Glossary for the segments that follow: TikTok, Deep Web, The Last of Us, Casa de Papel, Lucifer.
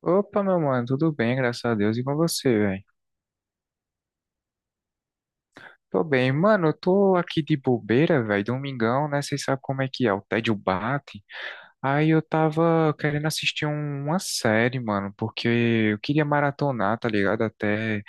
Opa, meu mano, tudo bem, graças a Deus. E com você, velho? Tô bem. Mano, eu tô aqui de bobeira, velho, domingão, né? Vocês sabem como é que é, o tédio bate. Aí eu tava querendo assistir uma série, mano, porque eu queria maratonar, tá ligado? Até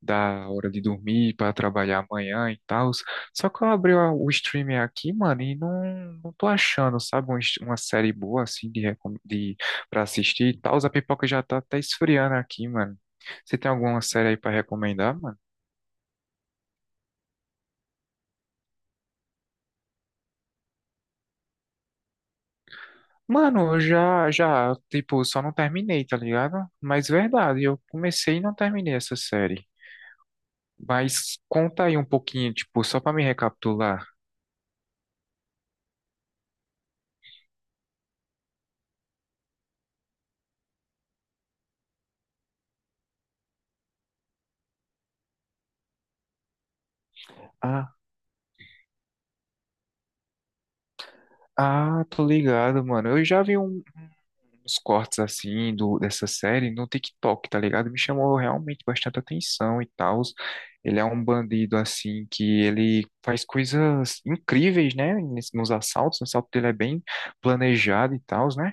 da hora de dormir para trabalhar amanhã e tal. Só que eu abri o streamer aqui, mano, e não tô achando, sabe, uma série boa assim de para assistir e tal. A pipoca já tá até esfriando aqui, mano. Você tem alguma série aí para recomendar, mano? Mano, eu já, tipo, só não terminei, tá ligado? Mas verdade, eu comecei e não terminei essa série. Mas conta aí um pouquinho, tipo, só pra me recapitular. Ah, ah, tô ligado, mano. Eu já vi uns cortes assim dessa série no TikTok, tá ligado? Me chamou realmente bastante atenção e tal. Ele é um bandido assim que ele faz coisas incríveis, né? Nos assaltos, o assalto dele é bem planejado e tal, né?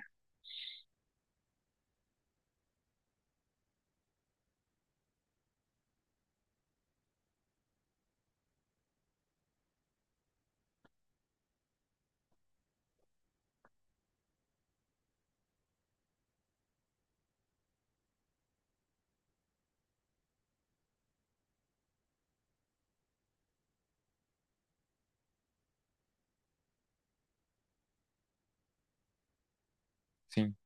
Sim,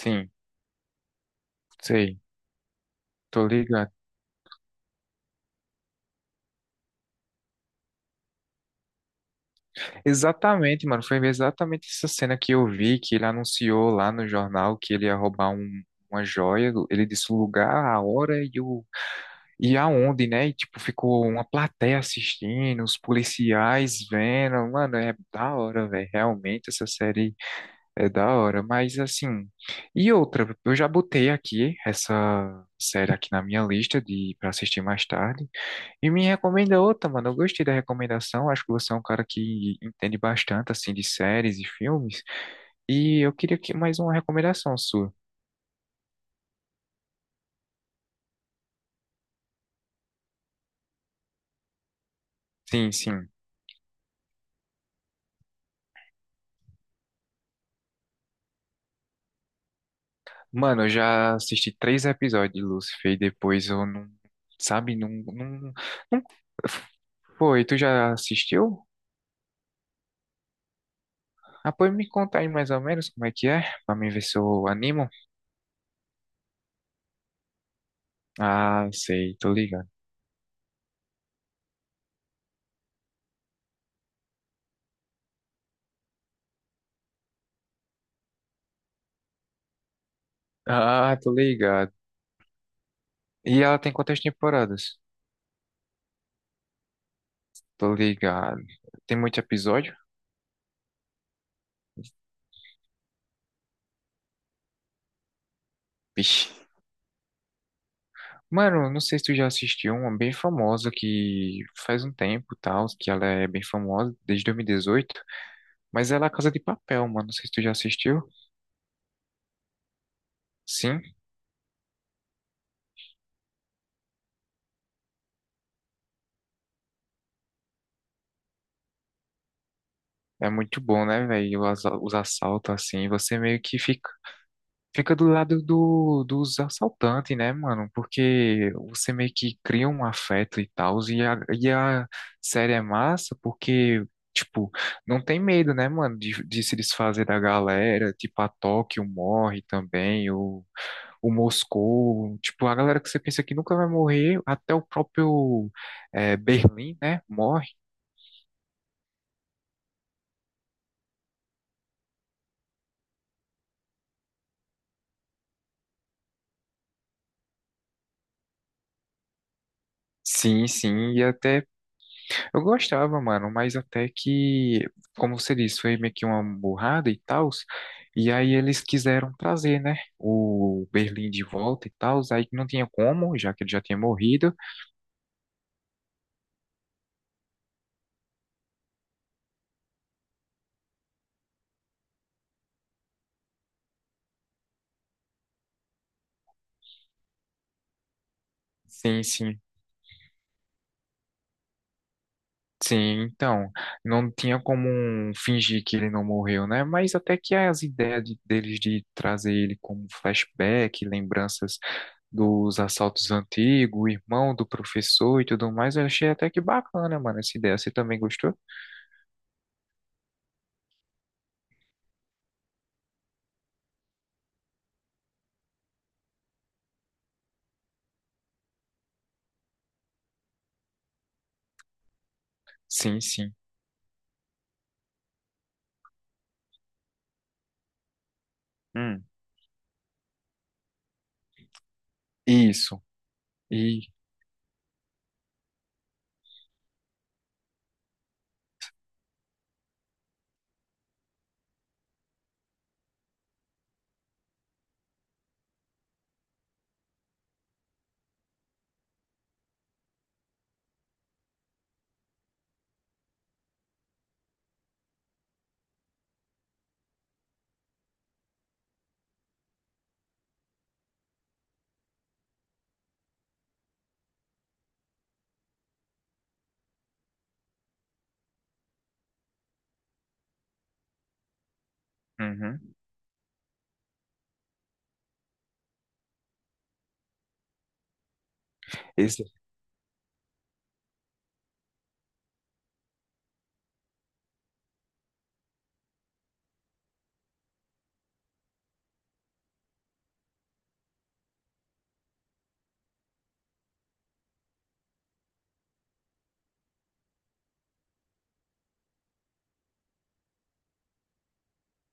sim, sei. Tô ligado. Exatamente, mano. Foi exatamente essa cena que eu vi, que ele anunciou lá no jornal que ele ia roubar uma joia. Ele disse o lugar, a hora e aonde, né? E, tipo, ficou uma plateia assistindo, os policiais vendo. Mano, é da hora, velho. Realmente, essa série é da hora. Mas, assim. E outra, eu já botei aqui essa série aqui na minha lista de para assistir mais tarde. E me recomenda outra, mano. Eu gostei da recomendação. Acho que você é um cara que entende bastante, assim, de séries e filmes. E eu queria que mais uma recomendação sua. Sim, sim. Mano, eu já assisti três episódios de Lucifer e depois eu não, sabe, não, não, não. Foi, tu já assistiu? Ah, pode me contar aí mais ou menos como é que é, pra mim ver se eu animo. Ah, sei, tô ligado. Ah, tô ligado. E ela tem quantas temporadas? Tô ligado. Tem muito episódio? Vixe. Mano, não sei se tu já assistiu uma bem famosa que faz um tempo, e tal, que ela é bem famosa desde 2018, mas ela é a Casa de Papel, mano. Não sei se tu já assistiu. Sim. É muito bom, né, velho? Os assaltos, assim, você meio que fica do lado dos assaltantes, né, mano? Porque você meio que cria um afeto e tal, e a série é massa porque, tipo, não tem medo, né, mano, de se desfazer da galera, tipo, a Tóquio morre também, o Moscou, tipo, a galera que você pensa que nunca vai morrer, até o próprio Berlim, né, morre. Sim, sim, e até Eu gostava, mano, mas até que, como você disse, foi meio que uma burrada e tal. E aí eles quiseram trazer, né, o Berlim de volta e tal. Aí não tinha como, já que ele já tinha morrido. Sim, sim. Sim, então, não tinha como um fingir que ele não morreu, né? Mas até que as ideias deles de trazer ele como flashback, lembranças dos assaltos antigos, o irmão do professor e tudo mais, eu achei até que bacana, mano, essa ideia. Você também gostou? Sim, sim. Hum. Isso. E uhum. Esse.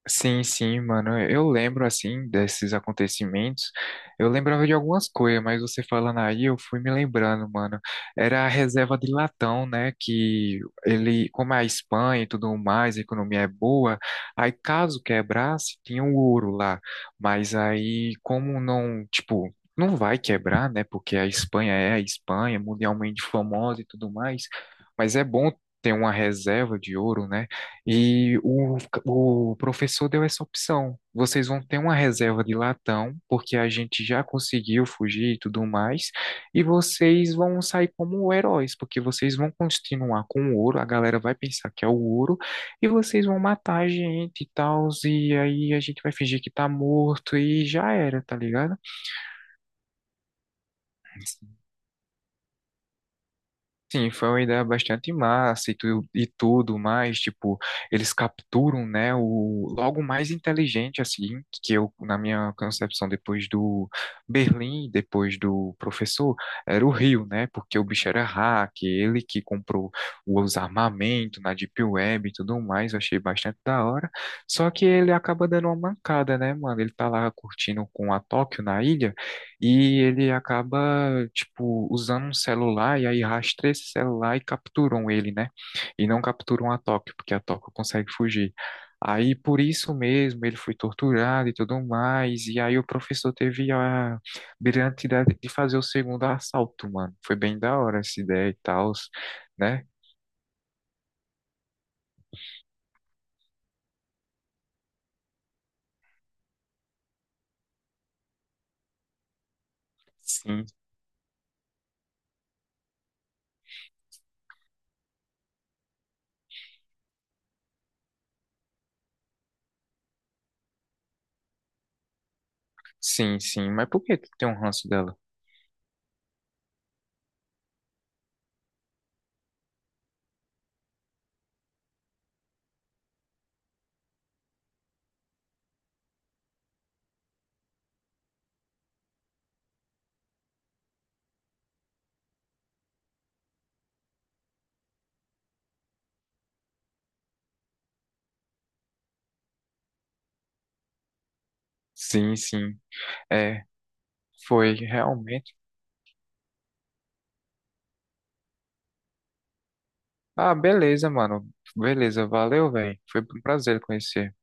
Sim, sim, mano. Eu lembro, assim, desses acontecimentos. Eu lembrava de algumas coisas, mas você falando aí, eu fui me lembrando, mano. Era a reserva de latão, né? Que ele, como é a Espanha e tudo mais, a economia é boa. Aí, caso quebrasse, tinha o ouro lá. Mas aí, como não, tipo. Não vai quebrar, né? Porque a Espanha é a Espanha, mundialmente famosa e tudo mais. Mas é bom ter uma reserva de ouro, né? E o professor deu essa opção. Vocês vão ter uma reserva de latão, porque a gente já conseguiu fugir e tudo mais, e vocês vão sair como heróis, porque vocês vão continuar com o ouro, a galera vai pensar que é o ouro, e vocês vão matar a gente e tal, e aí a gente vai fingir que tá morto e já era, tá ligado? Sim, foi uma ideia bastante massa e tudo mais, tipo, eles capturam, né, o logo mais inteligente, assim, que eu, na minha concepção, depois do Berlim, depois do professor, era o Rio, né, porque o bicho era hack, ele que comprou os armamentos na Deep Web e tudo mais, eu achei bastante da hora, só que ele acaba dando uma mancada, né, mano, ele tá lá curtindo com a Tóquio na ilha, e ele acaba, tipo, usando um celular e aí rastreia esse celular e capturam ele, né? E não capturam a Tóquio, porque a Tóquio consegue fugir. Aí por isso mesmo ele foi torturado e tudo mais. E aí o professor teve a brilhante ideia de fazer o segundo assalto, mano. Foi bem da hora essa ideia e tal, né? Sim, sim, sim. Mas por que tu tem um ranço dela? Sim, sim. É, foi realmente. Ah, beleza, mano. Beleza, valeu, velho. Foi um prazer conhecer.